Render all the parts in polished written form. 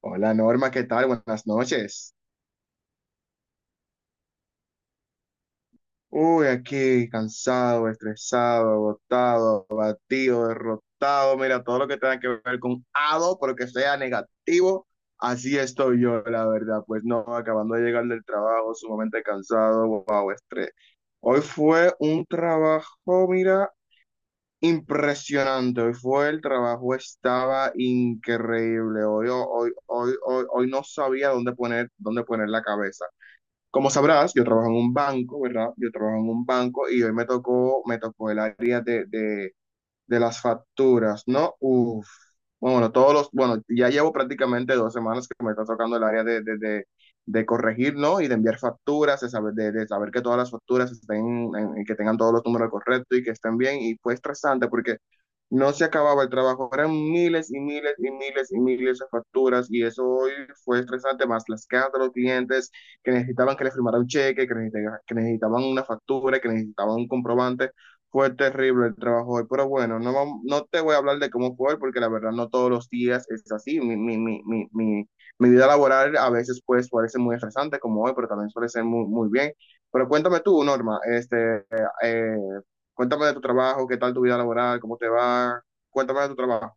Hola Norma, ¿qué tal? Buenas noches. Uy, aquí cansado, estresado, agotado, abatido, derrotado. Mira, todo lo que tenga que ver con ado, pero que sea negativo, así estoy yo, la verdad. Pues no, acabando de llegar del trabajo, sumamente cansado, wow, estrés. Hoy fue un trabajo, mira, impresionante. Hoy fue el trabajo, estaba increíble. Hoy no sabía dónde poner la cabeza. Como sabrás, yo trabajo en un banco, ¿verdad? Yo trabajo en un banco y hoy me tocó el área de las facturas, ¿no? Uf. Bueno, ya llevo prácticamente 2 semanas que me está tocando el área de corregir, ¿no? Y de enviar facturas, de saber, de saber que todas las facturas estén, en que tengan todos los números correctos y que estén bien. Y fue estresante porque no se acababa el trabajo, eran miles y miles y miles y miles de facturas y eso hoy fue estresante, más las quejas de los clientes que necesitaban que les firmara un cheque, que necesitaban una factura, que necesitaban un comprobante. Fue terrible el trabajo hoy, pero bueno, no, no te voy a hablar de cómo fue hoy, porque la verdad no todos los días es así. Mi vida laboral a veces pues parece muy estresante como hoy, pero también suele ser muy, muy bien. Pero cuéntame tú, Norma, este, eh, cuéntame de tu trabajo, qué tal tu vida laboral, cómo te va, cuéntame de tu trabajo,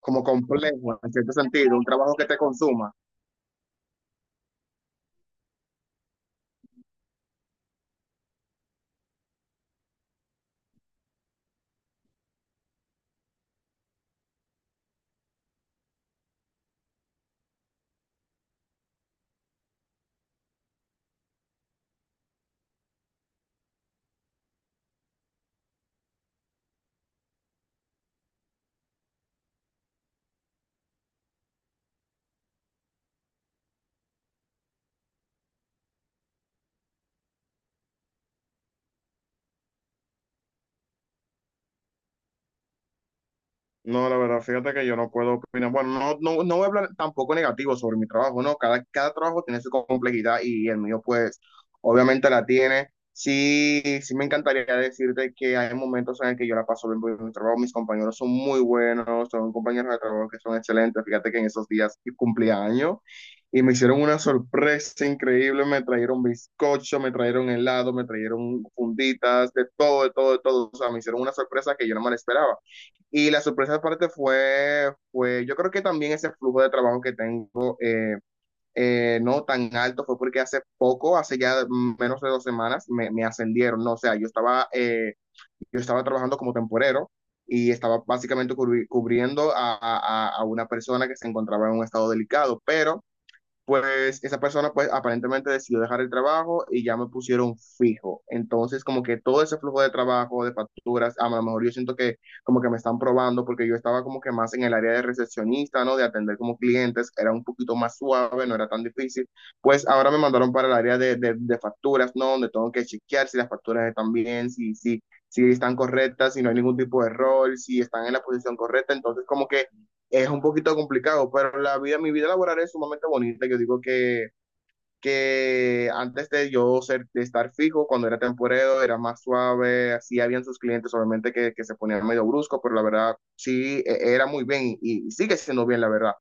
como complejo, en cierto sentido, un trabajo que te consuma. No, la verdad, fíjate que yo no puedo opinar. Bueno, no voy a hablar tampoco negativo sobre mi trabajo, ¿no? Cada trabajo tiene su complejidad y el mío, pues, obviamente la tiene. Sí, sí me encantaría decirte que hay momentos en el que yo la paso bien por mi trabajo. Mis compañeros son muy buenos, son compañeros de trabajo que son excelentes. Fíjate que en esos días cumpleaños y me hicieron una sorpresa increíble. Me trajeron bizcocho, me trajeron helado, me trajeron funditas, de todo, de todo, de todo. O sea, me hicieron una sorpresa que yo no me la esperaba. Y la sorpresa aparte yo creo que también ese flujo de trabajo que tengo no tan alto fue porque hace poco, hace ya menos de 2 semanas, me ascendieron, ¿no? O sea, yo estaba trabajando como temporero y estaba básicamente cubriendo a una persona que se encontraba en un estado delicado, pero pues esa persona pues aparentemente decidió dejar el trabajo y ya me pusieron fijo. Entonces como que todo ese flujo de trabajo, de facturas, a lo mejor yo siento que como que me están probando porque yo estaba como que más en el área de recepcionista, ¿no? De atender como clientes, era un poquito más suave, no era tan difícil. Pues ahora me mandaron para el área de facturas, ¿no? Donde tengo que chequear si las facturas están bien, si están correctas, si no hay ningún tipo de error, si están en la posición correcta. Entonces como que es un poquito complicado, pero la vida, mi vida laboral es sumamente bonita. Yo digo que antes de yo ser, de estar fijo, cuando era temporero, era más suave, así habían sus clientes, obviamente que se ponían medio brusco, pero la verdad sí, era muy bien y sigue siendo bien, la verdad.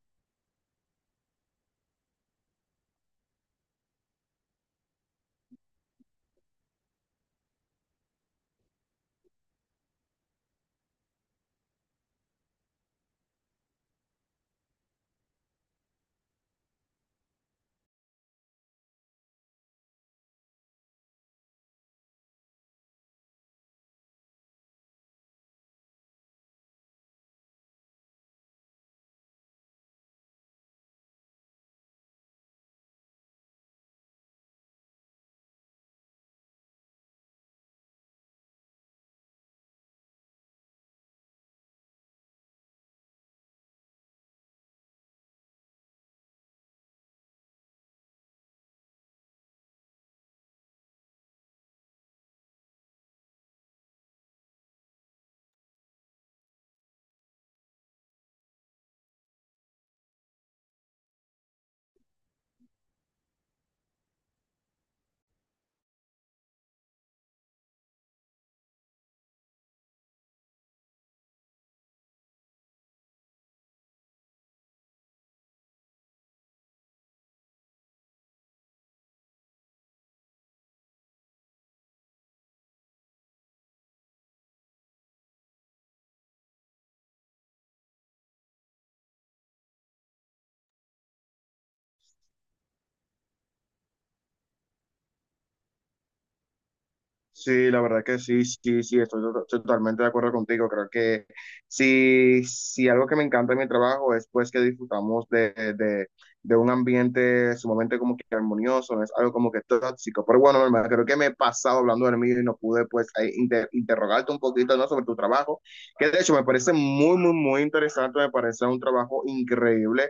Sí, la verdad que sí, sí, sí, estoy, estoy totalmente de acuerdo contigo. Creo que sí, sí, algo que me encanta de mi trabajo es pues que disfrutamos de un ambiente sumamente como que armonioso, no es algo como que tóxico. Pero bueno, hermano, creo que me he pasado hablando del mío y no pude pues ahí interrogarte un poquito, ¿no?, sobre tu trabajo, que de hecho me parece muy, muy, muy interesante, me parece un trabajo increíble.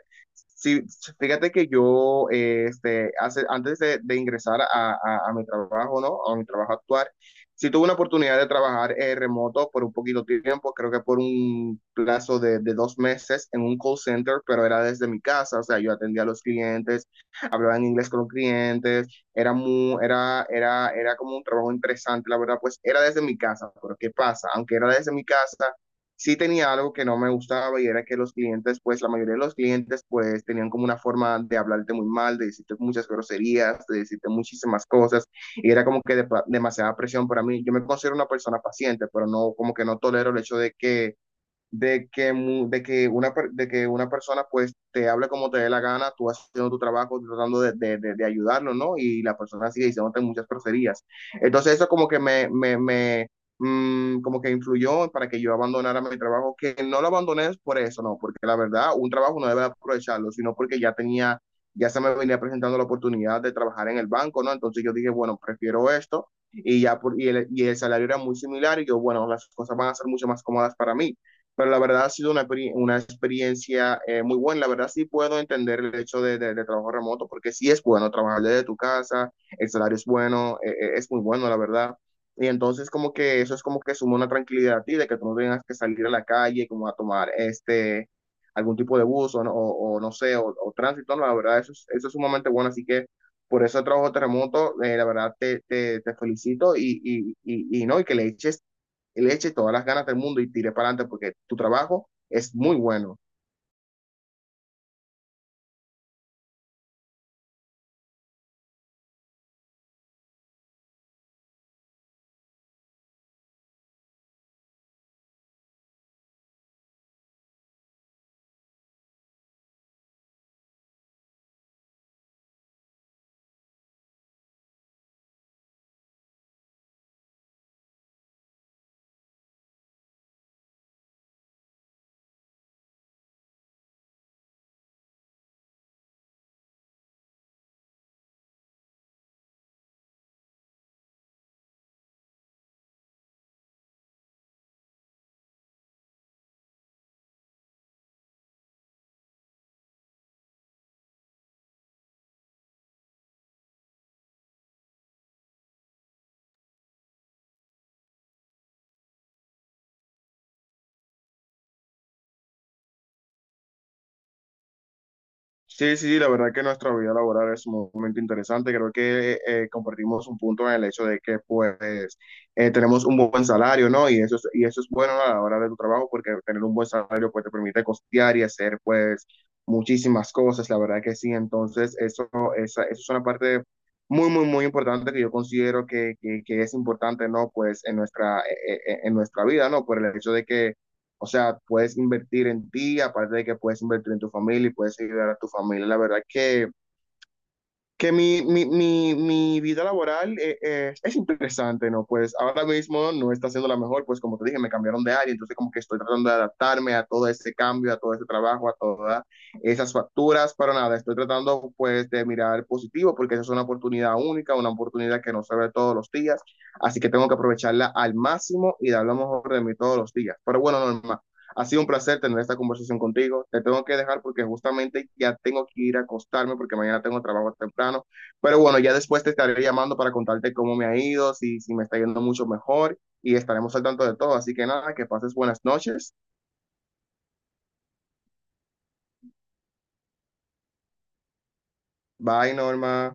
Sí, fíjate que yo, este, hace, antes de ingresar a mi trabajo, ¿no? A mi trabajo actual, sí tuve una oportunidad de trabajar remoto por un poquito de tiempo, creo que por un plazo de 2 meses en un call center, pero era desde mi casa, o sea, yo atendía a los clientes, hablaba en inglés con los clientes, era muy, era como un trabajo interesante, la verdad, pues era desde mi casa, pero ¿qué pasa? Aunque era desde mi casa, sí tenía algo que no me gustaba y era que los clientes, pues la mayoría de los clientes, pues tenían como una forma de hablarte muy mal, de decirte muchas groserías, de decirte muchísimas cosas y era como que de, demasiada presión para mí. Yo me considero una persona paciente, pero no, como que no tolero el hecho de que, mu- de que, una, per- de que una persona pues te hable como te dé la gana, tú haciendo tu trabajo, tratando de ayudarlo, ¿no? Y la persona sigue diciéndote muchas groserías. Entonces eso como que como que influyó para que yo abandonara mi trabajo, que no lo abandoné por eso, ¿no? Porque la verdad, un trabajo no debe aprovecharlo, sino porque ya tenía, ya se me venía presentando la oportunidad de trabajar en el banco, ¿no? Entonces yo dije, bueno, prefiero esto. Y el salario era muy similar y yo, bueno, las cosas van a ser mucho más cómodas para mí. Pero la verdad ha sido una experiencia muy buena. La verdad sí puedo entender el hecho de trabajo remoto, porque sí es bueno trabajar desde tu casa, el salario es bueno, es muy bueno, la verdad. Y entonces como que eso es como que suma una tranquilidad a ti, de que tú no tengas que salir a la calle como a tomar este, algún tipo de bus o no sé, o tránsito. No, la verdad eso es sumamente bueno. Así que por eso el trabajo de remoto, la verdad te felicito y, no, y que le eche todas las ganas del mundo y tire para adelante porque tu trabajo es muy bueno. Sí, sí, la verdad que nuestra vida laboral es un momento interesante. Creo que compartimos un punto en el hecho de que pues tenemos un buen salario, ¿no? Y eso es bueno a la hora de tu trabajo porque tener un buen salario pues te permite costear y hacer pues muchísimas cosas, la verdad que sí. Entonces, eso es una parte muy, muy, muy importante que yo considero que es importante, ¿no? Pues en nuestra vida, ¿no? Por el hecho de que o sea, puedes invertir en ti, aparte de que puedes invertir en tu familia y puedes ayudar a tu familia. La verdad que mi vida laboral es interesante, ¿no? Pues ahora mismo no está siendo la mejor, pues como te dije, me cambiaron de área, entonces como que estoy tratando de adaptarme a todo ese cambio, a todo ese trabajo, a todas esas facturas, pero nada, estoy tratando pues de mirar positivo porque esa es una oportunidad única, una oportunidad que no se ve todos los días, así que tengo que aprovecharla al máximo y dar lo mejor de mí todos los días. Pero bueno, Norma. Ha sido un placer tener esta conversación contigo. Te tengo que dejar porque justamente ya tengo que ir a acostarme porque mañana tengo trabajo temprano. Pero bueno, ya después te estaré llamando para contarte cómo me ha ido, si me está yendo mucho mejor y estaremos al tanto de todo. Así que nada, que pases buenas noches. Bye, Norma.